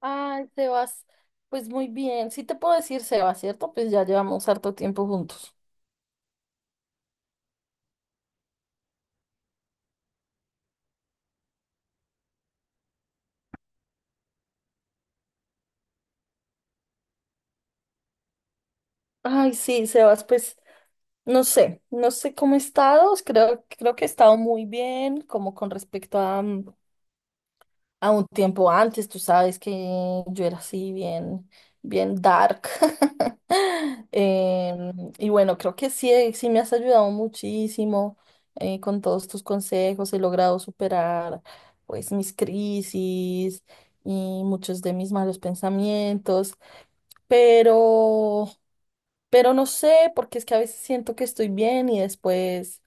Ay, Sebas, pues muy bien. Sí te puedo decir Sebas, ¿cierto? Pues ya llevamos harto tiempo juntos. Ay, sí, Sebas, pues no sé, no sé cómo he estado. Creo que he estado muy bien, como con respecto a, a un tiempo antes. Tú sabes que yo era así bien, bien dark. Y bueno, creo que sí, sí me has ayudado muchísimo con todos tus consejos. He logrado superar pues mis crisis y muchos de mis malos pensamientos, pero, pero no sé, porque es que a veces siento que estoy bien y después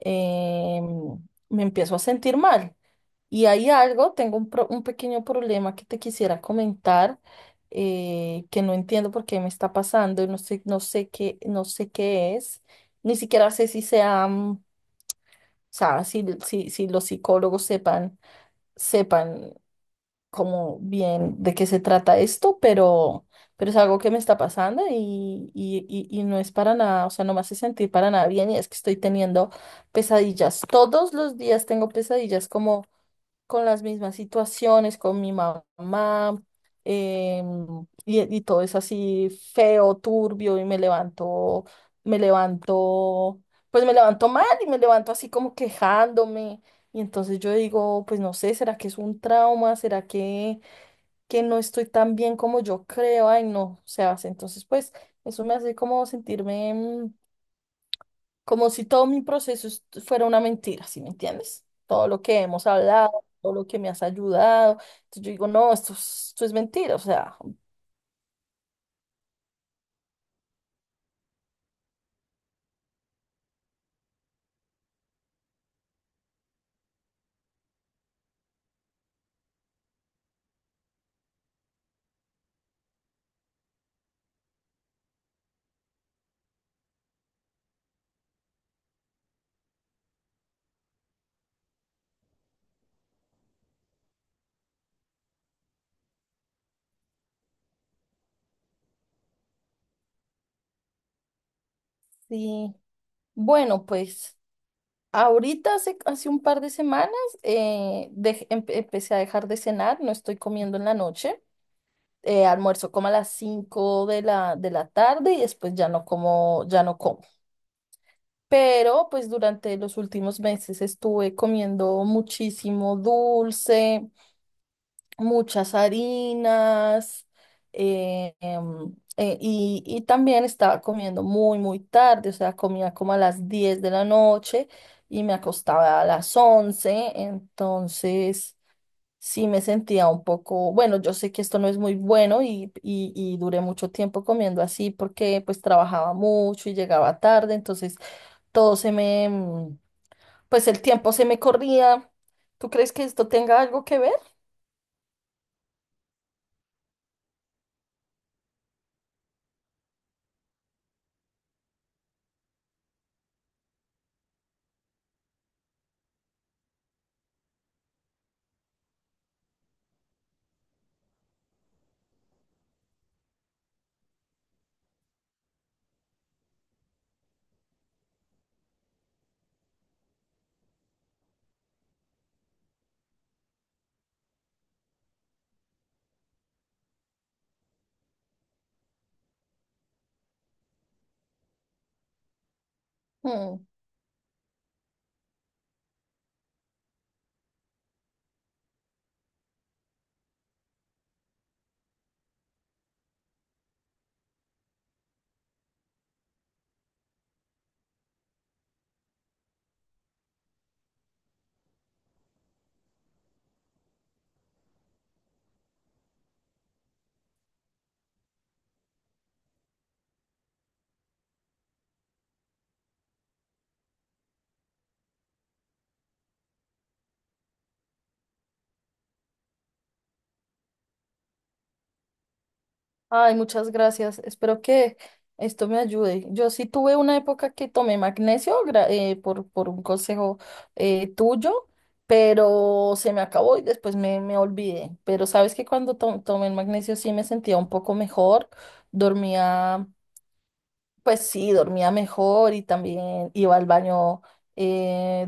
em, me empiezo a sentir mal. Y hay algo, tengo un pequeño problema que te quisiera comentar, que no entiendo por qué me está pasando, y no sé, no sé qué es, ni siquiera sé si sea, o sea, si los psicólogos sepan, sepan como bien de qué se trata esto, pero es algo que me está pasando y no es para nada, o sea, no me hace sentir para nada bien, y es que estoy teniendo pesadillas. Todos los días tengo pesadillas como con las mismas situaciones, con mi mamá, em, y todo es así feo, turbio, y me levanto, pues me levanto mal y me levanto así como quejándome. Y entonces yo digo, pues no sé, ¿será que es un trauma? ¿Será que no estoy tan bien como yo creo? Ay, no, o sea, entonces pues eso me hace como sentirme como si todo mi proceso fuera una mentira, ¿sí me entiendes? Todo lo que hemos hablado, todo lo que me has ayudado. Entonces yo digo, no, esto es mentira, o sea, sí. Bueno, pues ahorita hace un par de semanas empecé a dejar de cenar, no estoy comiendo en la noche. Almuerzo como a las 5 de de la tarde y después ya no como, ya no como. Pero pues durante los últimos meses estuve comiendo muchísimo dulce, muchas harinas y también estaba comiendo muy, muy tarde, o sea, comía como a las 10 de la noche y me acostaba a las 11. Entonces sí me sentía un poco, bueno, yo sé que esto no es muy bueno y duré mucho tiempo comiendo así porque pues trabajaba mucho y llegaba tarde, entonces todo se me, pues el tiempo se me corría. ¿Tú crees que esto tenga algo que ver? Ay, muchas gracias. Espero que esto me ayude. Yo sí tuve una época que tomé magnesio por un consejo tuyo, pero se me acabó y después me olvidé. Pero sabes que cuando tomé el magnesio sí me sentía un poco mejor, dormía, pues sí, dormía mejor y también iba al baño, eh,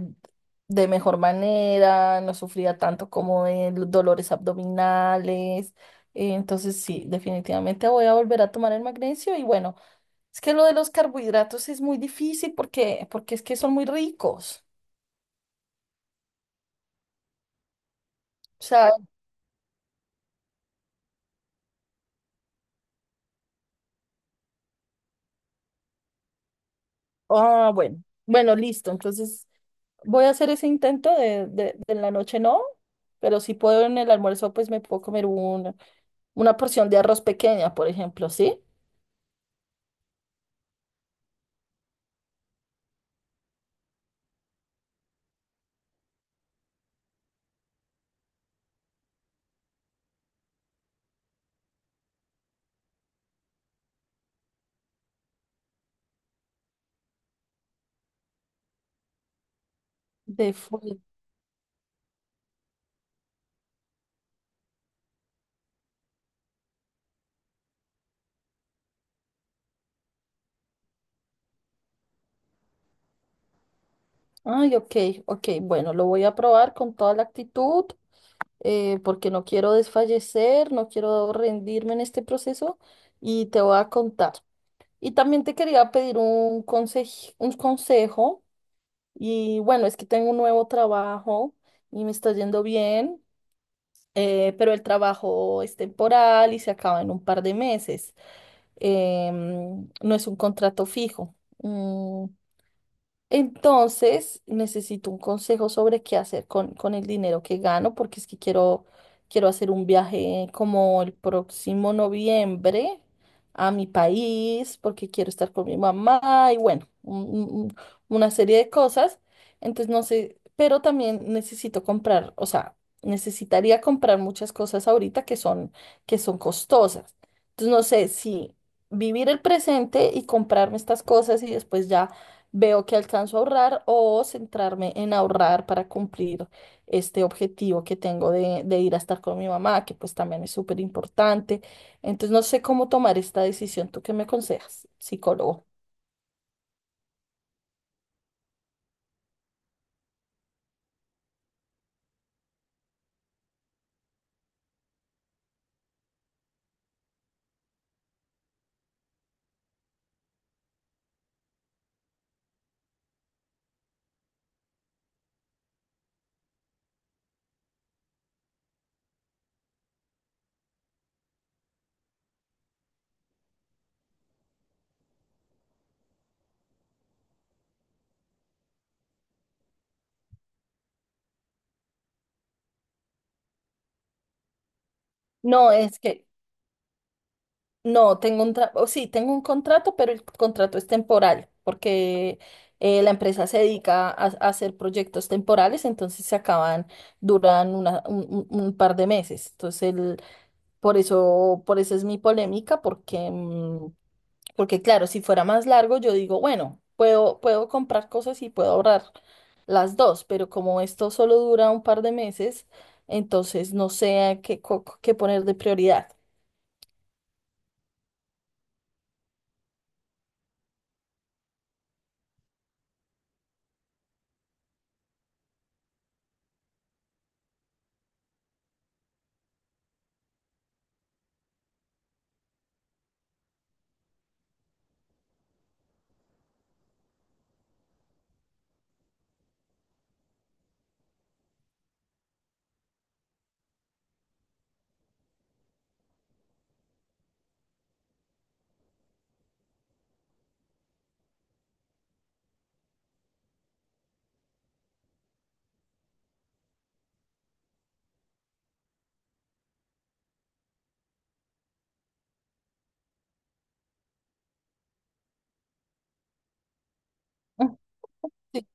de mejor manera, no sufría tanto como de los dolores abdominales. Entonces sí, definitivamente voy a volver a tomar el magnesio y bueno, es que lo de los carbohidratos es muy difícil porque es que son muy ricos. O sea, ah, bueno, bueno, listo. Entonces voy a hacer ese intento de en la noche, no, pero si puedo en el almuerzo, pues me puedo comer un, una porción de arroz pequeña, por ejemplo, ¿sí? De full. Ay, ok, ok. Bueno, lo voy a probar con toda la actitud, porque no quiero desfallecer, no quiero rendirme en este proceso y te voy a contar. Y también te quería pedir un consejo, un consejo. Y bueno, es que tengo un nuevo trabajo y me está yendo bien, pero el trabajo es temporal y se acaba en un par de meses. No es un contrato fijo. Mm, entonces, necesito un consejo sobre qué hacer con el dinero que gano, porque es que quiero, quiero hacer un viaje como el próximo noviembre a mi país, porque quiero estar con mi mamá y bueno, una serie de cosas. Entonces, no sé, pero también necesito comprar, o sea, necesitaría comprar muchas cosas ahorita que son costosas. Entonces, no sé si vivir el presente y comprarme estas cosas y después ya veo que alcanzo a ahorrar o centrarme en ahorrar para cumplir este objetivo que tengo de ir a estar con mi mamá, que pues también es súper importante. Entonces no sé cómo tomar esta decisión. ¿Tú qué me aconsejas, psicólogo? No, es que no, tengo un tra- o sí, tengo un contrato, pero el contrato es temporal, porque la empresa se dedica a hacer proyectos temporales, entonces se acaban, duran un par de meses. Entonces, por eso, por eso es mi polémica, porque, porque claro, si fuera más largo, yo digo, bueno, puedo, puedo comprar cosas y puedo ahorrar las dos, pero como esto solo dura un par de meses, entonces no sé a qué poner de prioridad. Mm, sí.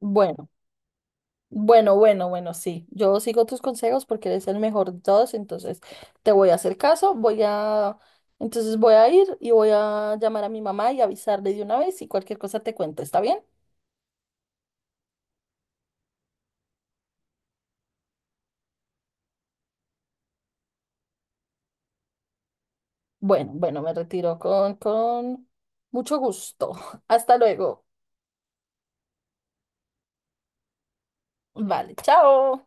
Bueno. Bueno, bueno, bueno, sí. Yo sigo tus consejos porque eres el mejor de todos, entonces te voy a hacer caso, entonces voy a ir y voy a llamar a mi mamá y avisarle de una vez y cualquier cosa te cuento, ¿está bien? Bueno, bueno, me retiro con mucho gusto. Hasta luego. Vale, chao.